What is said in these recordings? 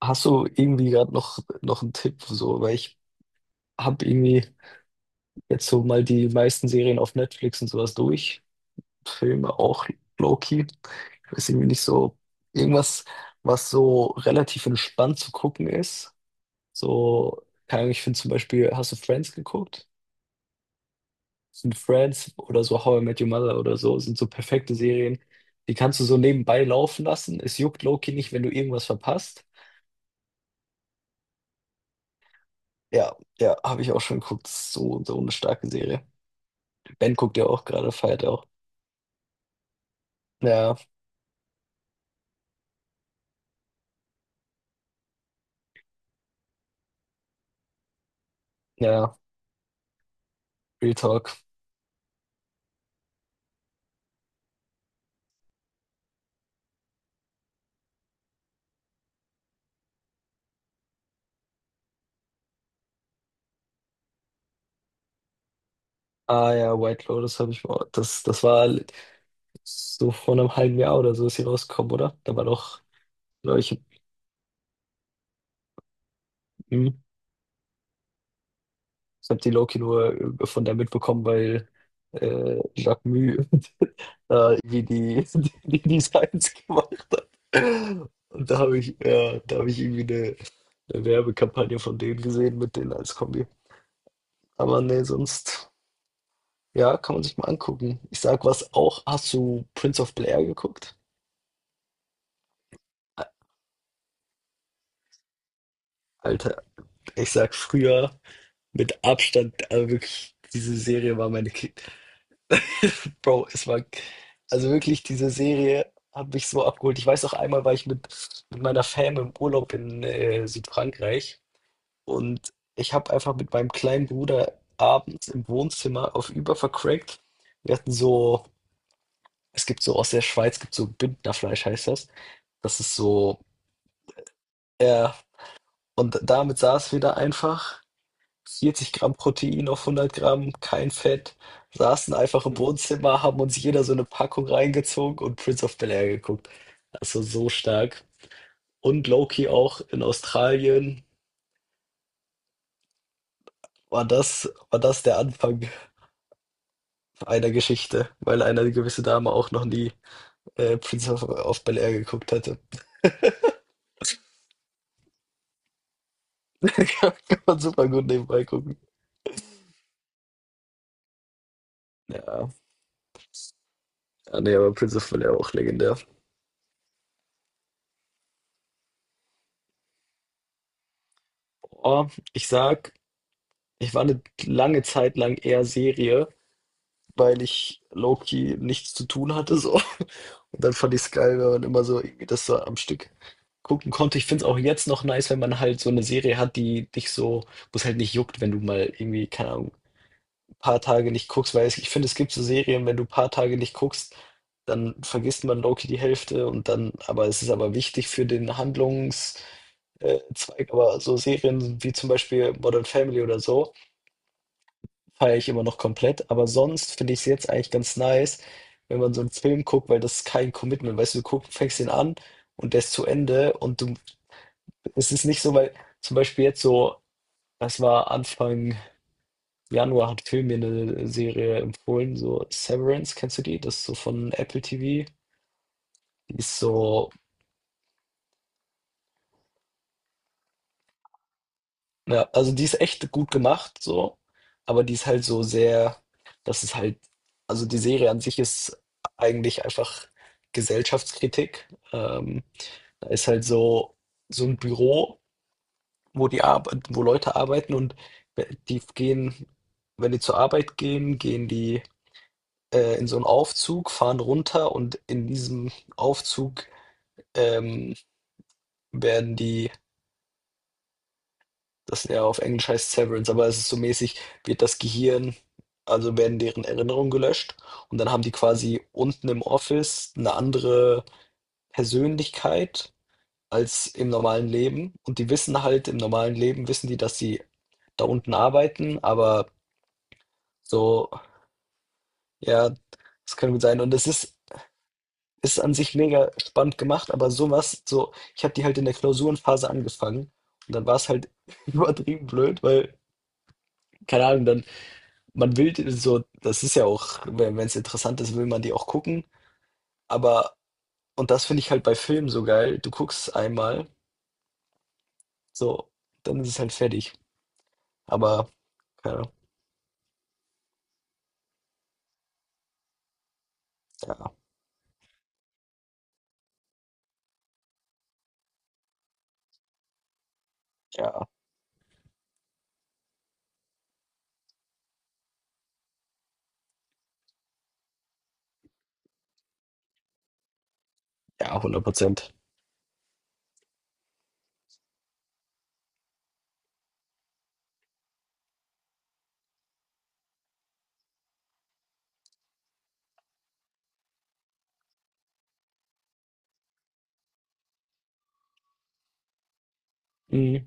Hast du irgendwie gerade noch einen Tipp, so, weil ich habe irgendwie jetzt so mal die meisten Serien auf Netflix und sowas durch. Filme auch low-key. Ich weiß irgendwie nicht so, irgendwas, was so relativ entspannt zu gucken ist. So, keine Ahnung, ich finde zum Beispiel, hast du Friends geguckt? Sind Friends oder so How I Met Your Mother oder so, sind so perfekte Serien. Die kannst du so nebenbei laufen lassen. Es juckt low-key nicht, wenn du irgendwas verpasst. Ja, ja, habe ich auch schon geguckt. So, so eine starke Serie. Ben guckt ja auch gerade Fight auch. Ja, ja, Real Talk. Ah ja, White Lotus habe ich mal. Das war so vor einem halben Jahr oder so ist sie rausgekommen, oder? Da war doch, glaub ich, hm, ich habe die Loki nur von der mitbekommen, weil Jacques Mü da irgendwie die, die, die Designs gemacht. Und da habe ich, ja, da habe ich irgendwie eine Werbekampagne von denen gesehen mit denen als Kombi. Aber nee, sonst. Ja, kann man sich mal angucken. Ich sag was auch. Hast du Prince of Blair geguckt? A- Alter, ich sag früher mit Abstand, also wirklich, diese Serie war meine Kind. Bro, es war, also wirklich, diese Serie hat mich so abgeholt. Ich weiß auch einmal, war ich mit meiner Fam im Urlaub in Südfrankreich und ich habe einfach mit meinem kleinen Bruder abends im Wohnzimmer auf Über vercrackt. Wir hatten so, es gibt so aus der Schweiz, gibt so Bündnerfleisch, heißt das. Das ist so. Ja, und damit saß wieder einfach, 40 Gramm Protein auf 100 Gramm, kein Fett, saßen einfach im Wohnzimmer, haben uns jeder so eine Packung reingezogen und Prince of Bel-Air geguckt. Also so stark. Und Loki auch in Australien war das der Anfang einer Geschichte, weil eine gewisse Dame auch noch nie Prince of Bel-Air geguckt hatte. Kann man super gut nebenbei gucken. Ja, ah, nee, aber Prince of Bel-Air auch legendär. Oh, ich sag, ich war eine lange Zeit lang eher Serie, weil ich low-key nichts zu tun hatte so. Und dann fand ich es geil, wenn man immer so irgendwie das so am Stück gucken konnte. Ich finde es auch jetzt noch nice, wenn man halt so eine Serie hat, die dich so, wo es halt nicht juckt, wenn du mal irgendwie, keine Ahnung, ein paar Tage nicht guckst, weil es, ich finde, es gibt so Serien, wenn du ein paar Tage nicht guckst, dann vergisst man low-key die Hälfte und dann, aber es ist aber wichtig für den Handlungs Zweig, aber so Serien wie zum Beispiel Modern Family oder so, feiere ich immer noch komplett. Aber sonst finde ich es jetzt eigentlich ganz nice, wenn man so einen Film guckt, weil das ist kein Commitment. Weißt du, du guck, fängst den an und der ist zu Ende und du, es ist nicht so, weil zum Beispiel jetzt so, das war Anfang Januar, hat Phil mir eine Serie empfohlen, so Severance, kennst du die? Das ist so von Apple TV. Die ist so ja, also die ist echt gut gemacht, so, aber die ist halt so sehr, das ist halt, also die Serie an sich ist eigentlich einfach Gesellschaftskritik. Ähm, da ist halt so, so ein Büro, wo die Arbeit, wo Leute arbeiten und die gehen, wenn die zur Arbeit gehen, gehen die in so einen Aufzug, fahren runter und in diesem Aufzug ähm, werden die das ja, auf Englisch heißt Severance, aber es ist so mäßig, wird das Gehirn, also werden deren Erinnerungen gelöscht und dann haben die quasi unten im Office eine andere Persönlichkeit als im normalen Leben. Und die wissen halt, im normalen Leben wissen die, dass sie da unten arbeiten, aber so, ja, das kann gut sein. Und es ist, ist an sich mega spannend gemacht, aber sowas, so, ich habe die halt in der Klausurenphase angefangen und dann war es halt übertrieben blöd, weil, keine Ahnung, dann. Man will d so das ist ja auch, wenn es interessant ist, will man die auch gucken, aber und das finde ich halt bei Filmen so geil, du guckst einmal, so, dann ist es halt fertig. Aber ja, ja, ja, ja, hundert Prozent. Mhm.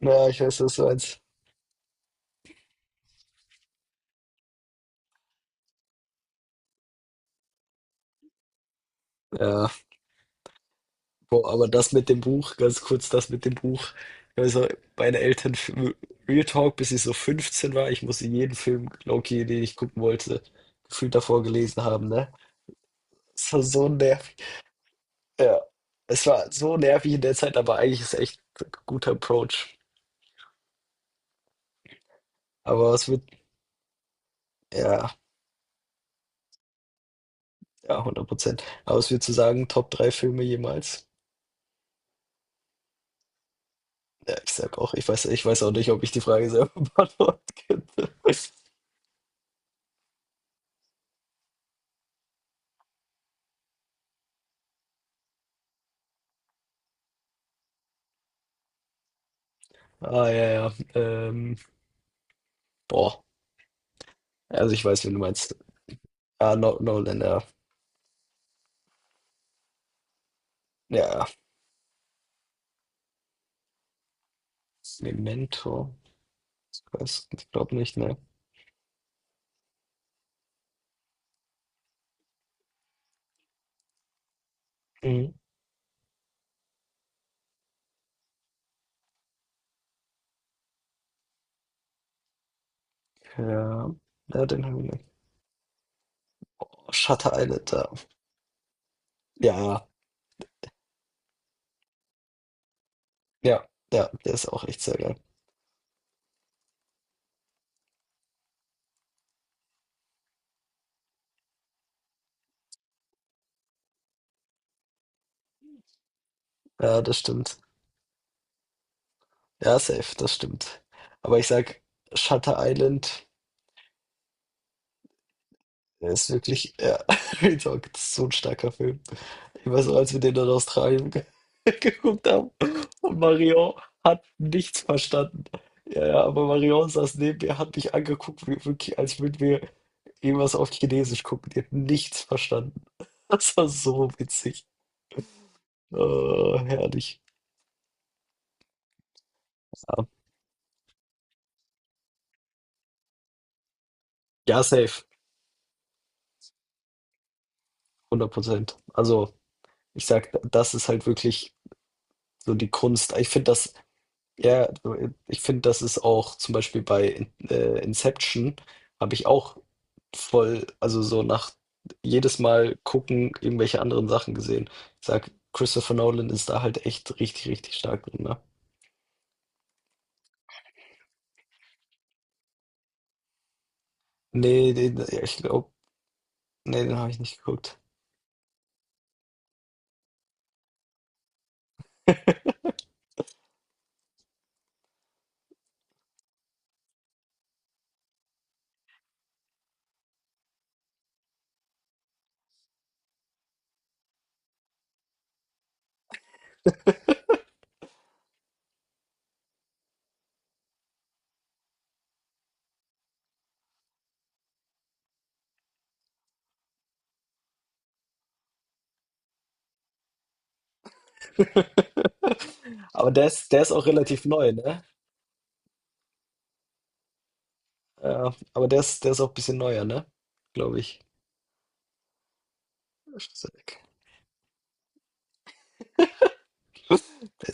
Ja, ich weiß, was du meinst. Ja, boah, aber das mit dem Buch, ganz kurz das mit dem Buch. Also, meine Eltern f Real Talk, bis ich so 15 war, ich musste jeden Film, low den ich gucken wollte, gefühlt davor gelesen haben, ne? Das war so nervig. Ja, es war so nervig in der Zeit, aber eigentlich ist es echt ein guter Approach. Aber es wird, ja, ja, hundert Prozent. Aber es wird zu sagen, Top 3 Filme jemals. Ja, ich sag auch, ich weiß auch nicht, ob ich die Frage selber beantworten könnte. Ah, ja, ja. Boah, also ich weiß, wen du meinst. Ah, no, Nolan, ja. Ja, ja. Memento. Ich weiß, ich glaube nicht, ne? Mhm. Ja, ja, den haben wir nicht. Oh, Shutter Island, ja. Ja, ja, ja, der ist auch echt sehr geil. Ja, das stimmt. Ja, safe, das stimmt. Aber ich sag, Shutter Island ist wirklich, ja, ich sag, das ist so ein starker Film. Ich weiß noch, als wir den in Australien geguckt haben und Marion hat nichts verstanden. Ja, ja, aber Marion saß neben mir, hat mich angeguckt, wie, wirklich, als würden wir irgendwas auf Chinesisch gucken. Die hat nichts verstanden. Das war so witzig. Oh, herrlich. Ja, ja, safe, hundert Prozent. Also, ich sag, das ist halt wirklich so die Kunst. Ich finde das. Ja, du, ich finde, das ist auch zum Beispiel bei Inception, habe ich auch voll, also so nach jedes Mal gucken, irgendwelche anderen Sachen gesehen. Ich sag, Christopher Nolan ist da halt echt richtig, richtig stark drin, ne? Nee, den, ja, ich glaube, nee, den habe ich nicht geguckt. Aber der ist auch relativ neu, ne? Ja, aber der ist auch ein bisschen neuer, ne? Glaube ich. Der